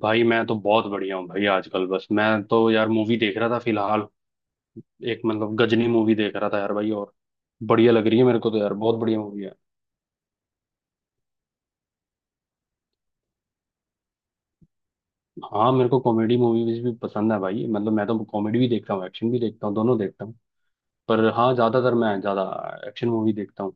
भाई मैं तो बहुत बढ़िया हूँ भाई। आजकल बस मैं तो यार मूवी देख रहा था फिलहाल। एक गजनी मूवी देख रहा था यार भाई, और बढ़िया लग रही है मेरे को तो यार, बहुत बढ़िया मूवी है। हाँ, मेरे को कॉमेडी मूवीज भी पसंद है भाई। मैं तो कॉमेडी भी देखता हूँ, एक्शन भी देखता हूँ, दोनों देखता हूँ। पर हाँ, ज्यादातर मैं ज्यादा एक्शन मूवी देखता हूँ।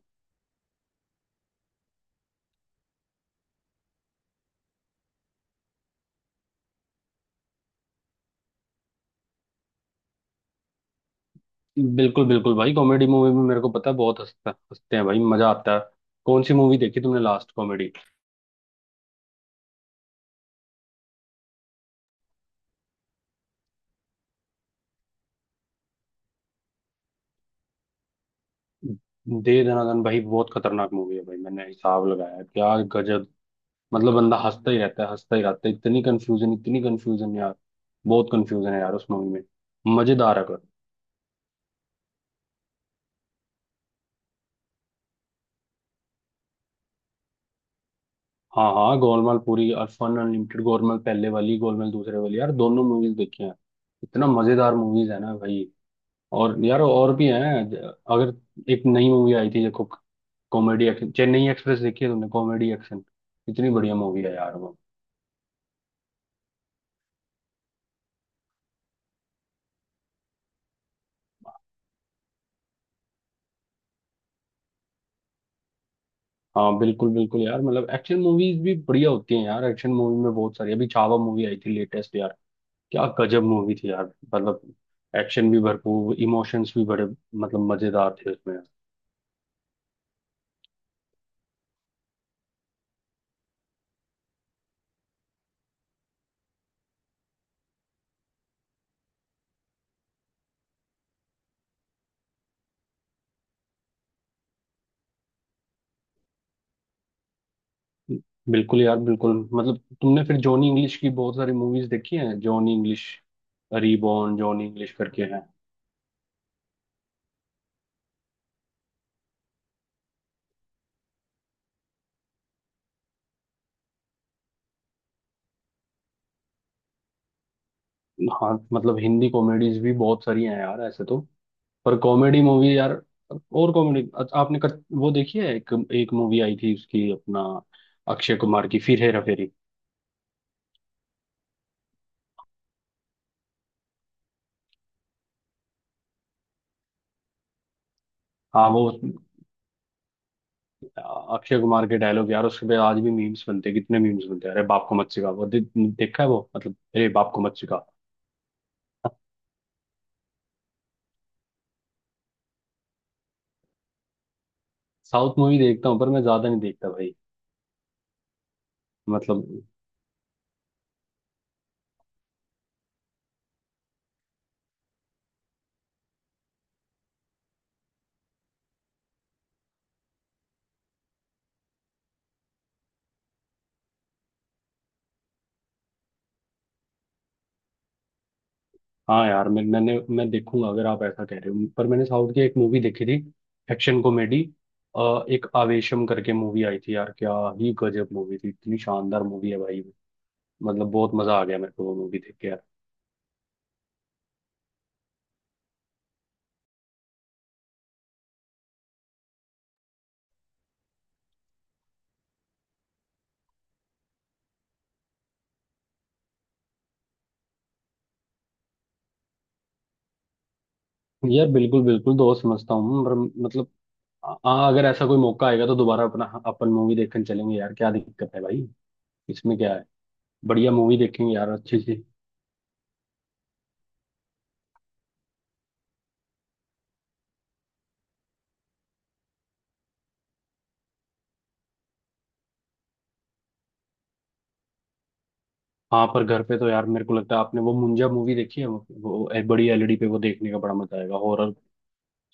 बिल्कुल बिल्कुल भाई, कॉमेडी मूवी में मेरे को पता है बहुत हंसता हंसते हैं भाई, मजा आता है। कौन सी मूवी देखी तुमने लास्ट कॉमेडी? दे दनादन भाई, बहुत खतरनाक मूवी है भाई। मैंने हिसाब लगाया क्या गजब, बंदा हंसता ही रहता है, हंसता ही रहता है। इतनी कंफ्यूजन, इतनी कंफ्यूजन यार, बहुत कंफ्यूजन है यार उस मूवी में। मजेदार है। अगर हाँ हाँ, गोलमाल पूरी और फन अनलिमिटेड, गोलमाल पहले वाली, गोलमाल दूसरे वाली यार, दोनों मूवीज देखी हैं। इतना मजेदार मूवीज है ना भाई। और यार और भी हैं अगर एक नई मूवी आई थी, देखो, कॉमेडी एक्शन, चेन्नई एक्सप्रेस देखी है तुमने? कॉमेडी एक्शन, इतनी बढ़िया मूवी है यार वो। हाँ बिल्कुल बिल्कुल यार। एक्शन मूवीज भी बढ़िया होती हैं यार। एक्शन मूवी में बहुत सारी, अभी छावा मूवी आई थी लेटेस्ट यार, क्या गजब मूवी थी यार। मतलब एक्शन भी भरपूर, इमोशंस भी बड़े मजेदार थे उसमें। बिल्कुल यार, बिल्कुल। तुमने फिर जॉनी इंग्लिश की बहुत सारी मूवीज देखी हैं, Johnny English Reborn, Johnny English करके हैं। हाँ, हिंदी कॉमेडीज भी बहुत सारी हैं यार ऐसे तो। पर कॉमेडी मूवी यार, और कॉमेडी आपने वो देखी है? एक एक मूवी आई थी उसकी अपना, अक्षय कुमार की फिर हेरा फेरी। हाँ वो अक्षय कुमार के डायलॉग यार, उसके पे आज भी मीम्स बनते हैं, कितने मीम्स बनते हैं। अरे बाप को मत सिखा, वो देखा है वो? अरे बाप को मत सिखा। साउथ मूवी देखता हूँ पर मैं ज्यादा नहीं देखता भाई। मतलब हाँ यार, मैं देखूंगा अगर आप ऐसा कह रहे हो। पर मैंने साउथ की एक मूवी देखी थी, एक्शन कॉमेडी, एक आवेशम करके मूवी आई थी यार, क्या ही गजब मूवी थी, इतनी शानदार मूवी है भाई। बहुत मजा आ गया मेरे को वो मूवी देख के यार। यार बिल्कुल बिल्कुल दोस्त समझता हूँ पर मतलब हाँ, अगर ऐसा कोई मौका आएगा तो दोबारा अपना अपन मूवी देखने चलेंगे यार। क्या दिक्कत है भाई इसमें, क्या है? बढ़िया मूवी देखेंगे यार, अच्छी सी। हाँ पर घर पे तो यार मेरे को लगता है, आपने वो मुंजा मूवी देखी है? वो एक बड़ी एलईडी पे वो देखने का बड़ा मजा आएगा। हॉरर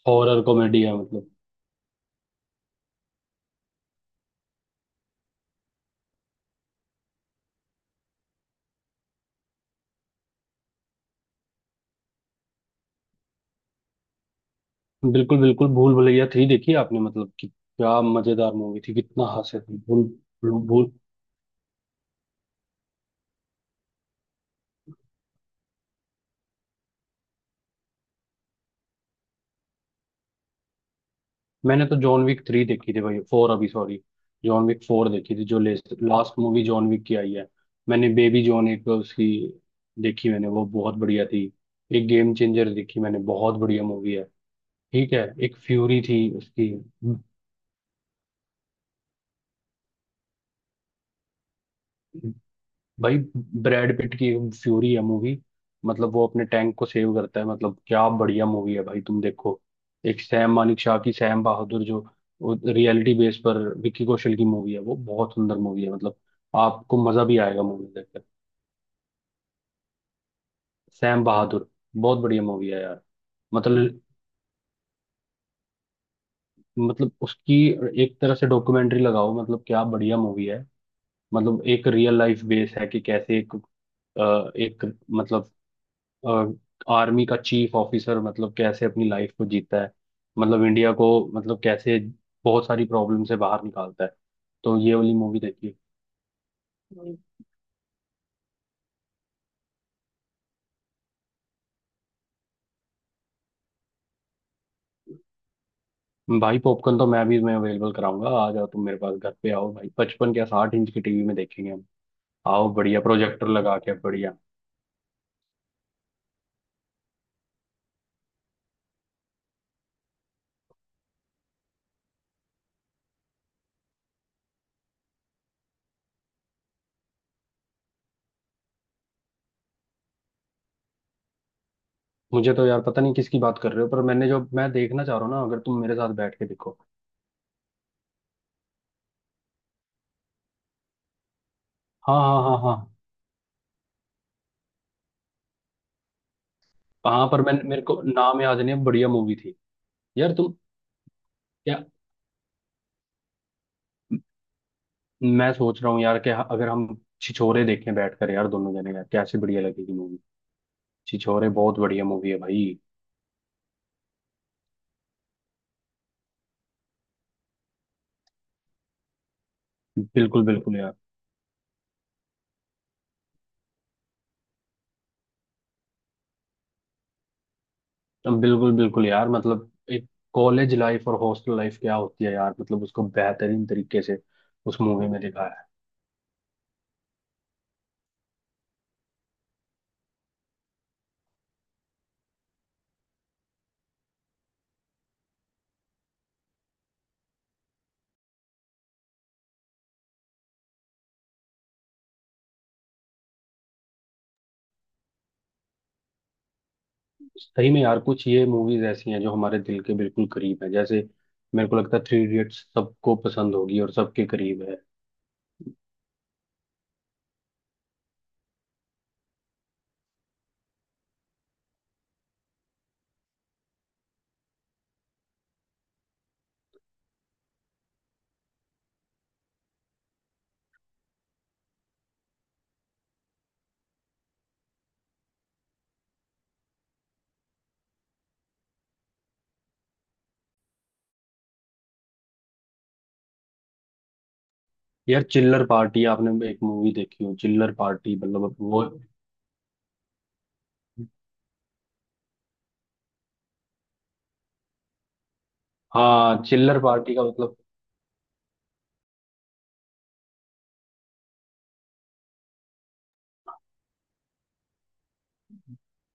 हॉरर कॉमेडी है बिल्कुल बिल्कुल, भूल भुलैया थ्री देखी है आपने? कि क्या मजेदार मूवी थी, कितना हंसे थे। भूल भूल भूल, मैंने तो जॉन विक थ्री देखी थी भाई। फोर, अभी सॉरी, जॉन विक फोर देखी थी, जो लास्ट मूवी जॉन विक की आई है। मैंने बेबी जॉन, एक उसकी देखी मैंने, वो बहुत बढ़िया थी। एक गेम चेंजर देखी मैंने, बहुत बढ़िया मूवी है। ठीक है, एक फ्यूरी थी उसकी, भाई ब्रैड पिट की फ्यूरी है मूवी। वो अपने टैंक को सेव करता है, क्या बढ़िया मूवी है भाई, तुम देखो। एक सैम मानिक शाह की, सैम बहादुर, जो रियलिटी बेस पर विक्की कौशल की मूवी है, वो बहुत सुंदर मूवी है। आपको मजा भी आएगा मूवी देखकर। सैम बहादुर, बहुत बढ़िया मूवी है यार। मतलब मतलब उसकी एक तरह से डॉक्यूमेंट्री लगाओ, क्या बढ़िया मूवी है। एक रियल लाइफ बेस है कि कैसे एक एक मतलब आर्मी का चीफ ऑफिसर कैसे अपनी लाइफ को जीता है, इंडिया को कैसे बहुत सारी प्रॉब्लम से बाहर निकालता है। तो ये वाली मूवी देखिए। हम्म। भाई पॉपकॉर्न तो मैं भी मैं अवेलेबल कराऊंगा, आ जाओ तुम मेरे पास, घर पे आओ भाई। पचपन क्या, साठ इंच की टीवी में देखेंगे हम। आओ, बढ़िया प्रोजेक्टर लगा के बढ़िया। मुझे तो यार पता नहीं किसकी बात कर रहे हो, पर मैंने जो मैं देखना चाह रहा हूँ ना, अगर तुम मेरे साथ बैठ के देखो। हाँ हाँ हाँ। हाँ हाँ, पर मैं मेरे को नाम याद नहीं है, बढ़िया मूवी थी। यार तुम क्या, मैं सोच रहा हूँ यार कि अगर हम छिछोरे देखें बैठकर यार, दोनों जने यार, कैसी बढ़िया लगेगी मूवी। छिछोरे बहुत बढ़िया मूवी है भाई। बिल्कुल बिल्कुल यार। तो बिल्कुल बिल्कुल यार। एक कॉलेज लाइफ और हॉस्टल लाइफ क्या होती है यार, उसको बेहतरीन तरीके से उस मूवी में दिखाया है। सही में यार, कुछ ये मूवीज ऐसी हैं जो हमारे दिल के बिल्कुल करीब है, जैसे मेरे को लगता है थ्री इडियट्स सबको पसंद होगी और सबके करीब है। यार चिल्लर पार्टी, आपने एक मूवी देखी हो चिल्लर पार्टी? वो हाँ, चिल्लर पार्टी का मतलब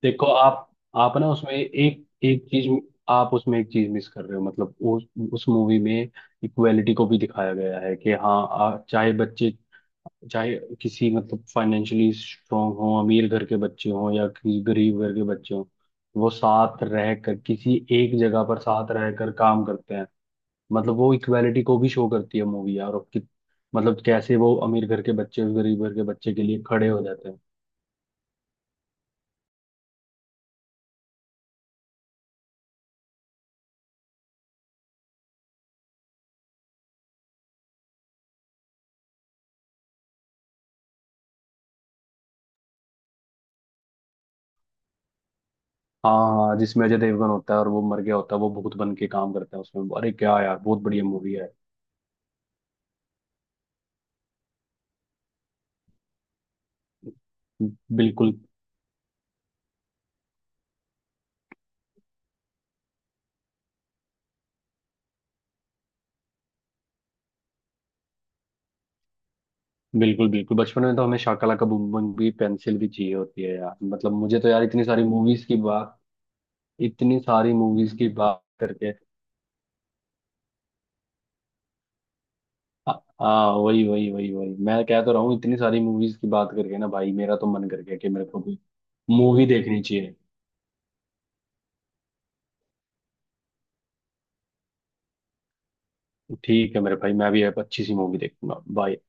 देखो आप ना उसमें एक एक चीज, आप उसमें एक चीज मिस कर रहे हो। उस मूवी में इक्वेलिटी को भी दिखाया गया है कि हाँ, चाहे बच्चे, चाहे किसी फाइनेंशियली स्ट्रांग हो, अमीर घर के बच्चे हों या किसी गरीब घर के बच्चे हों, वो साथ रहकर किसी एक जगह पर साथ रहकर काम करते हैं। वो इक्वालिटी को भी शो करती है मूवी यार। और कि, मतलब कैसे वो अमीर घर के बच्चे और गरीब घर के बच्चे के लिए खड़े हो जाते हैं। हाँ, जिसमें अजय देवगन होता है और वो मर गया होता है, वो भूत बन के काम करता है उसमें। अरे क्या यार, बहुत बढ़िया मूवी है। बिल्कुल। बिल्कुल बिल्कुल, बचपन में तो हमें शाकला का बूम बूम भी, पेंसिल भी चाहिए होती है यार। मुझे तो यार इतनी सारी मूवीज की बात, इतनी सारी मूवीज की बात करके। हाँ। हाँ, वही वही वही वही, मैं कह तो रहा हूँ, इतनी सारी मूवीज की बात करके ना भाई, मेरा तो मन कर गया कि मेरे को भी मूवी देखनी चाहिए। ठीक है मेरे भाई, मैं भी अब अच्छी सी मूवी देखूंगा। बाय।